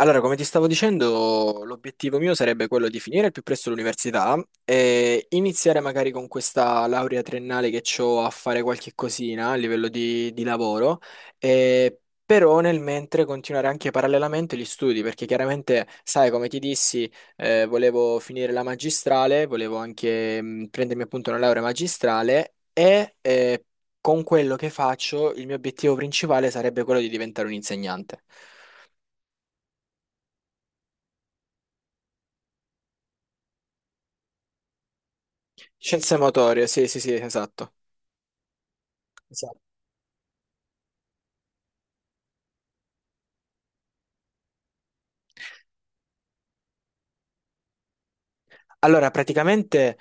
Allora, come ti stavo dicendo, l'obiettivo mio sarebbe quello di finire il più presto l'università e iniziare magari con questa laurea triennale che ho a fare qualche cosina a livello di lavoro, e però nel mentre continuare anche parallelamente gli studi, perché chiaramente, sai, come ti dissi, volevo finire la magistrale, volevo anche prendermi appunto una laurea magistrale e con quello che faccio il mio obiettivo principale sarebbe quello di diventare un insegnante. Scienze motorie, sì, sì, sì, esatto. Esatto. Allora, praticamente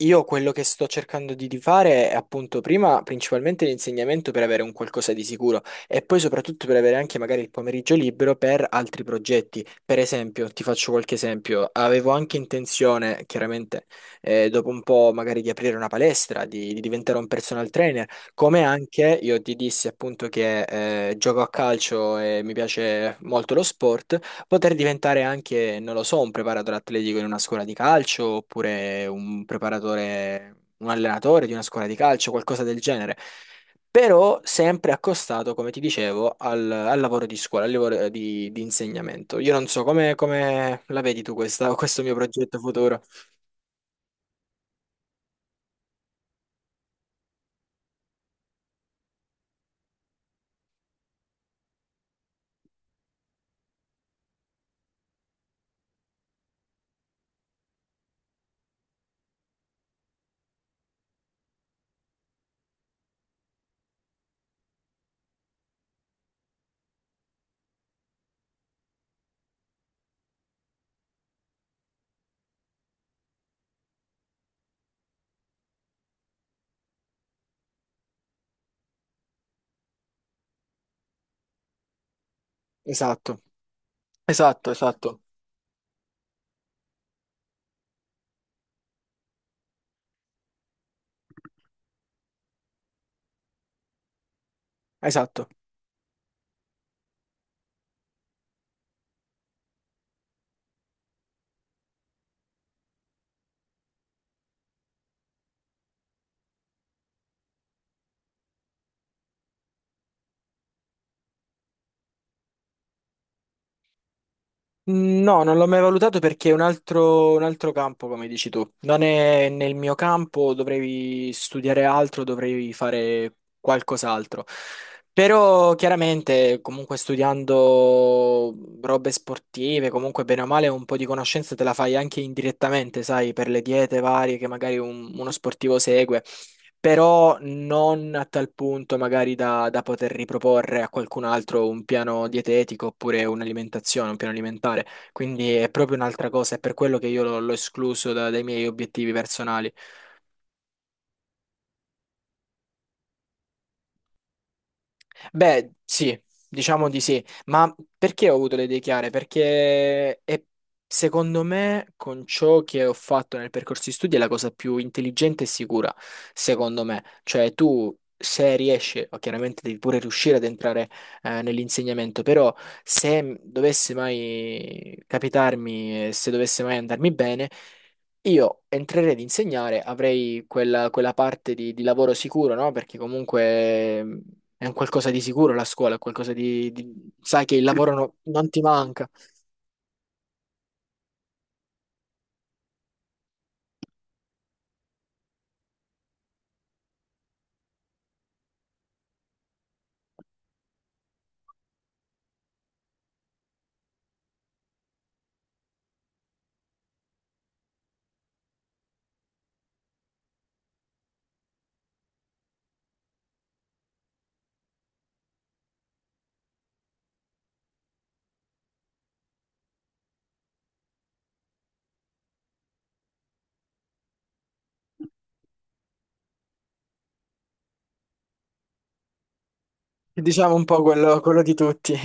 io quello che sto cercando di fare è appunto prima principalmente l'insegnamento per avere un qualcosa di sicuro e poi soprattutto per avere anche magari il pomeriggio libero per altri progetti. Per esempio, ti faccio qualche esempio, avevo anche intenzione, chiaramente, dopo un po' magari di aprire una palestra, di diventare un personal trainer, come anche io ti dissi appunto che gioco a calcio e mi piace molto lo sport. Poter diventare anche, non lo so, un preparatore atletico in una scuola di calcio oppure un preparatore, un allenatore di una scuola di calcio, qualcosa del genere. Però sempre accostato, come ti dicevo, al lavoro di scuola, al lavoro di insegnamento. Io non so come la vedi tu questo mio progetto futuro. Esatto, esatto, esatto, esatto. No, non l'ho mai valutato perché è un altro campo, come dici tu. Non è nel mio campo, dovrei studiare altro, dovrei fare qualcos'altro. Però chiaramente, comunque studiando robe sportive, comunque bene o male, un po' di conoscenza te la fai anche indirettamente, sai, per le diete varie che magari uno sportivo segue però non a tal punto magari da poter riproporre a qualcun altro un piano dietetico oppure un'alimentazione, un piano alimentare. Quindi è proprio un'altra cosa, è per quello che io l'ho escluso dai miei obiettivi personali. Beh, sì, diciamo di sì, ma perché ho avuto le idee chiare? Perché secondo me con ciò che ho fatto nel percorso di studi è la cosa più intelligente e sicura, secondo me. Cioè tu se riesci, o chiaramente devi pure riuscire ad entrare nell'insegnamento, però se dovesse mai capitarmi, e se dovesse mai andarmi bene, io entrerei ad insegnare, avrei quella parte di lavoro sicuro, no? Perché comunque... È un qualcosa di sicuro la scuola, è qualcosa. Sai che il lavoro non ti manca. Diciamo un po' quello di tutti.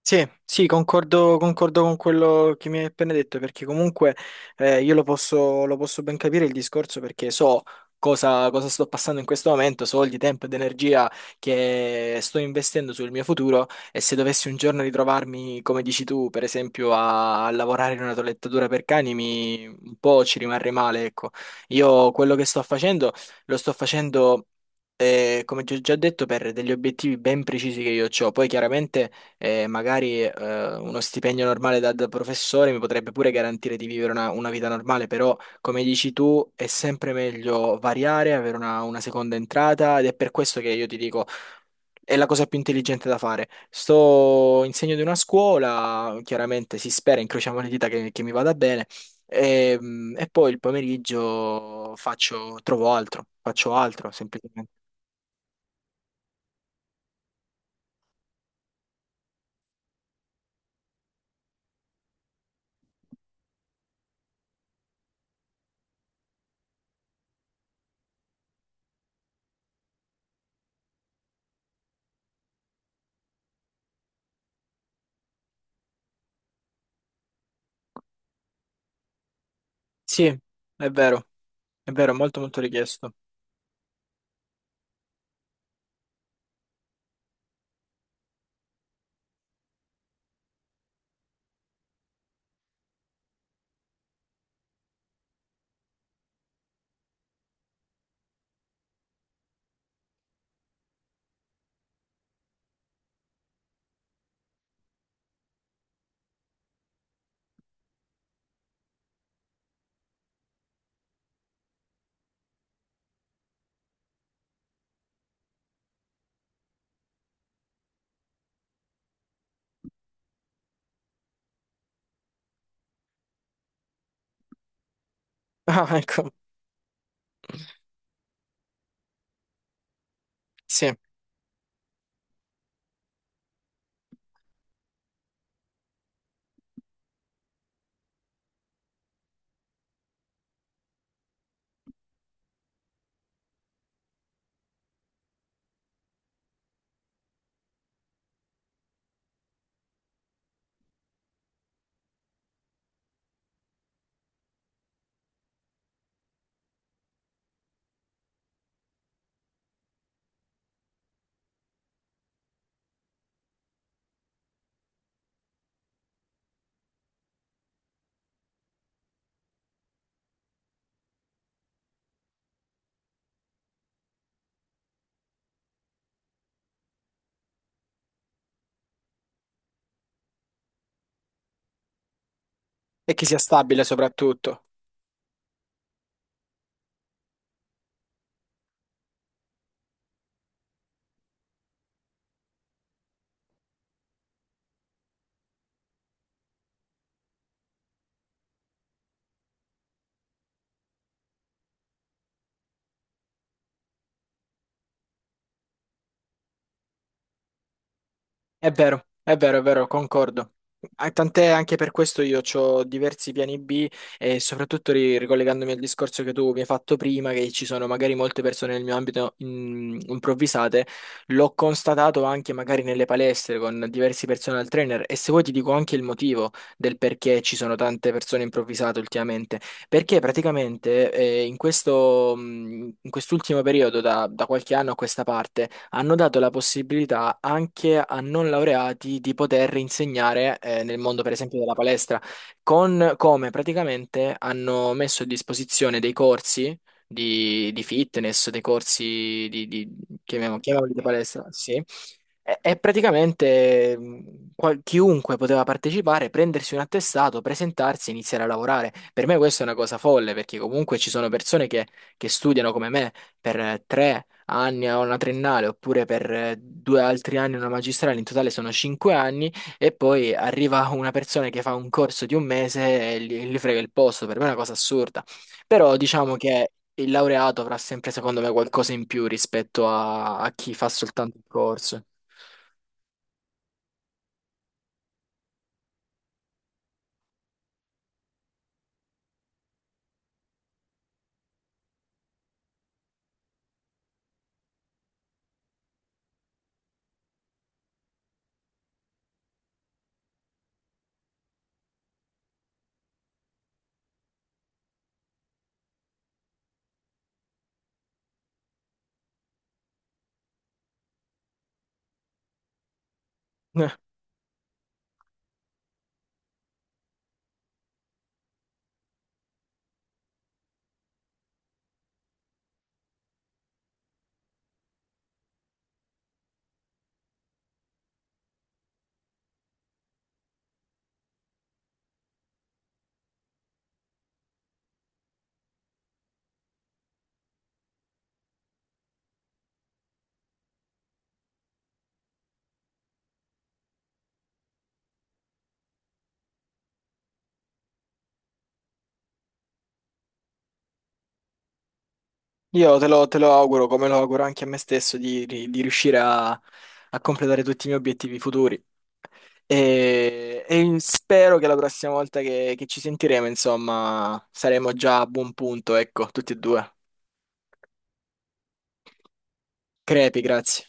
Sì, sì, concordo, concordo con quello che mi hai appena detto, perché comunque io lo posso ben capire il discorso perché so cosa sto passando in questo momento, so il tempo ed energia che sto investendo sul mio futuro e se dovessi un giorno ritrovarmi, come dici tu, per esempio a lavorare in una toilettatura per cani, un po' ci rimarrei male, ecco. Io quello che sto facendo lo sto facendo... come ti ho già detto, per degli obiettivi ben precisi che io ho, poi chiaramente e magari uno stipendio normale da professore mi potrebbe pure garantire di vivere una vita normale, però come dici tu è sempre meglio variare, avere una seconda entrata ed è per questo che io ti dico è la cosa più intelligente da fare. Sto in segno di una scuola, chiaramente si spera, incrociamo le dita che mi vada bene e poi il pomeriggio faccio, trovo altro, faccio altro semplicemente. Sì, è vero, è vero, è molto molto richiesto. Ah, ecco, sì. E che sia stabile soprattutto. È vero, è vero, è vero, concordo. Ah, tant'è anche per questo io ho diversi piani B e soprattutto ricollegandomi al discorso che tu mi hai fatto prima, che ci sono magari molte persone nel mio ambito improvvisate, l'ho constatato anche magari nelle palestre con diversi personal trainer e se vuoi ti dico anche il motivo del perché ci sono tante persone improvvisate ultimamente, perché praticamente in questo, in quest'ultimo periodo, da qualche anno a questa parte, hanno dato la possibilità anche a non laureati di poter insegnare nel mondo, per esempio, della palestra, con come praticamente hanno messo a disposizione dei corsi di fitness, dei corsi chiamiamoli di palestra, sì, e praticamente chiunque poteva partecipare, prendersi un attestato, presentarsi e iniziare a lavorare. Per me questa è una cosa folle, perché comunque ci sono persone che studiano come me per 3 anni a una triennale, oppure per due altri anni a una magistrale, in totale sono 5 anni, e poi arriva una persona che fa un corso di un mese e gli frega il posto. Per me è una cosa assurda. Però diciamo che il laureato avrà sempre, secondo me, qualcosa in più rispetto a chi fa soltanto il corso. Eh, Io te lo auguro, come lo auguro anche a me stesso, di riuscire a completare tutti i miei obiettivi futuri. E spero che la prossima volta che ci sentiremo, insomma, saremo già a buon punto, ecco, tutti e due. Crepi, grazie.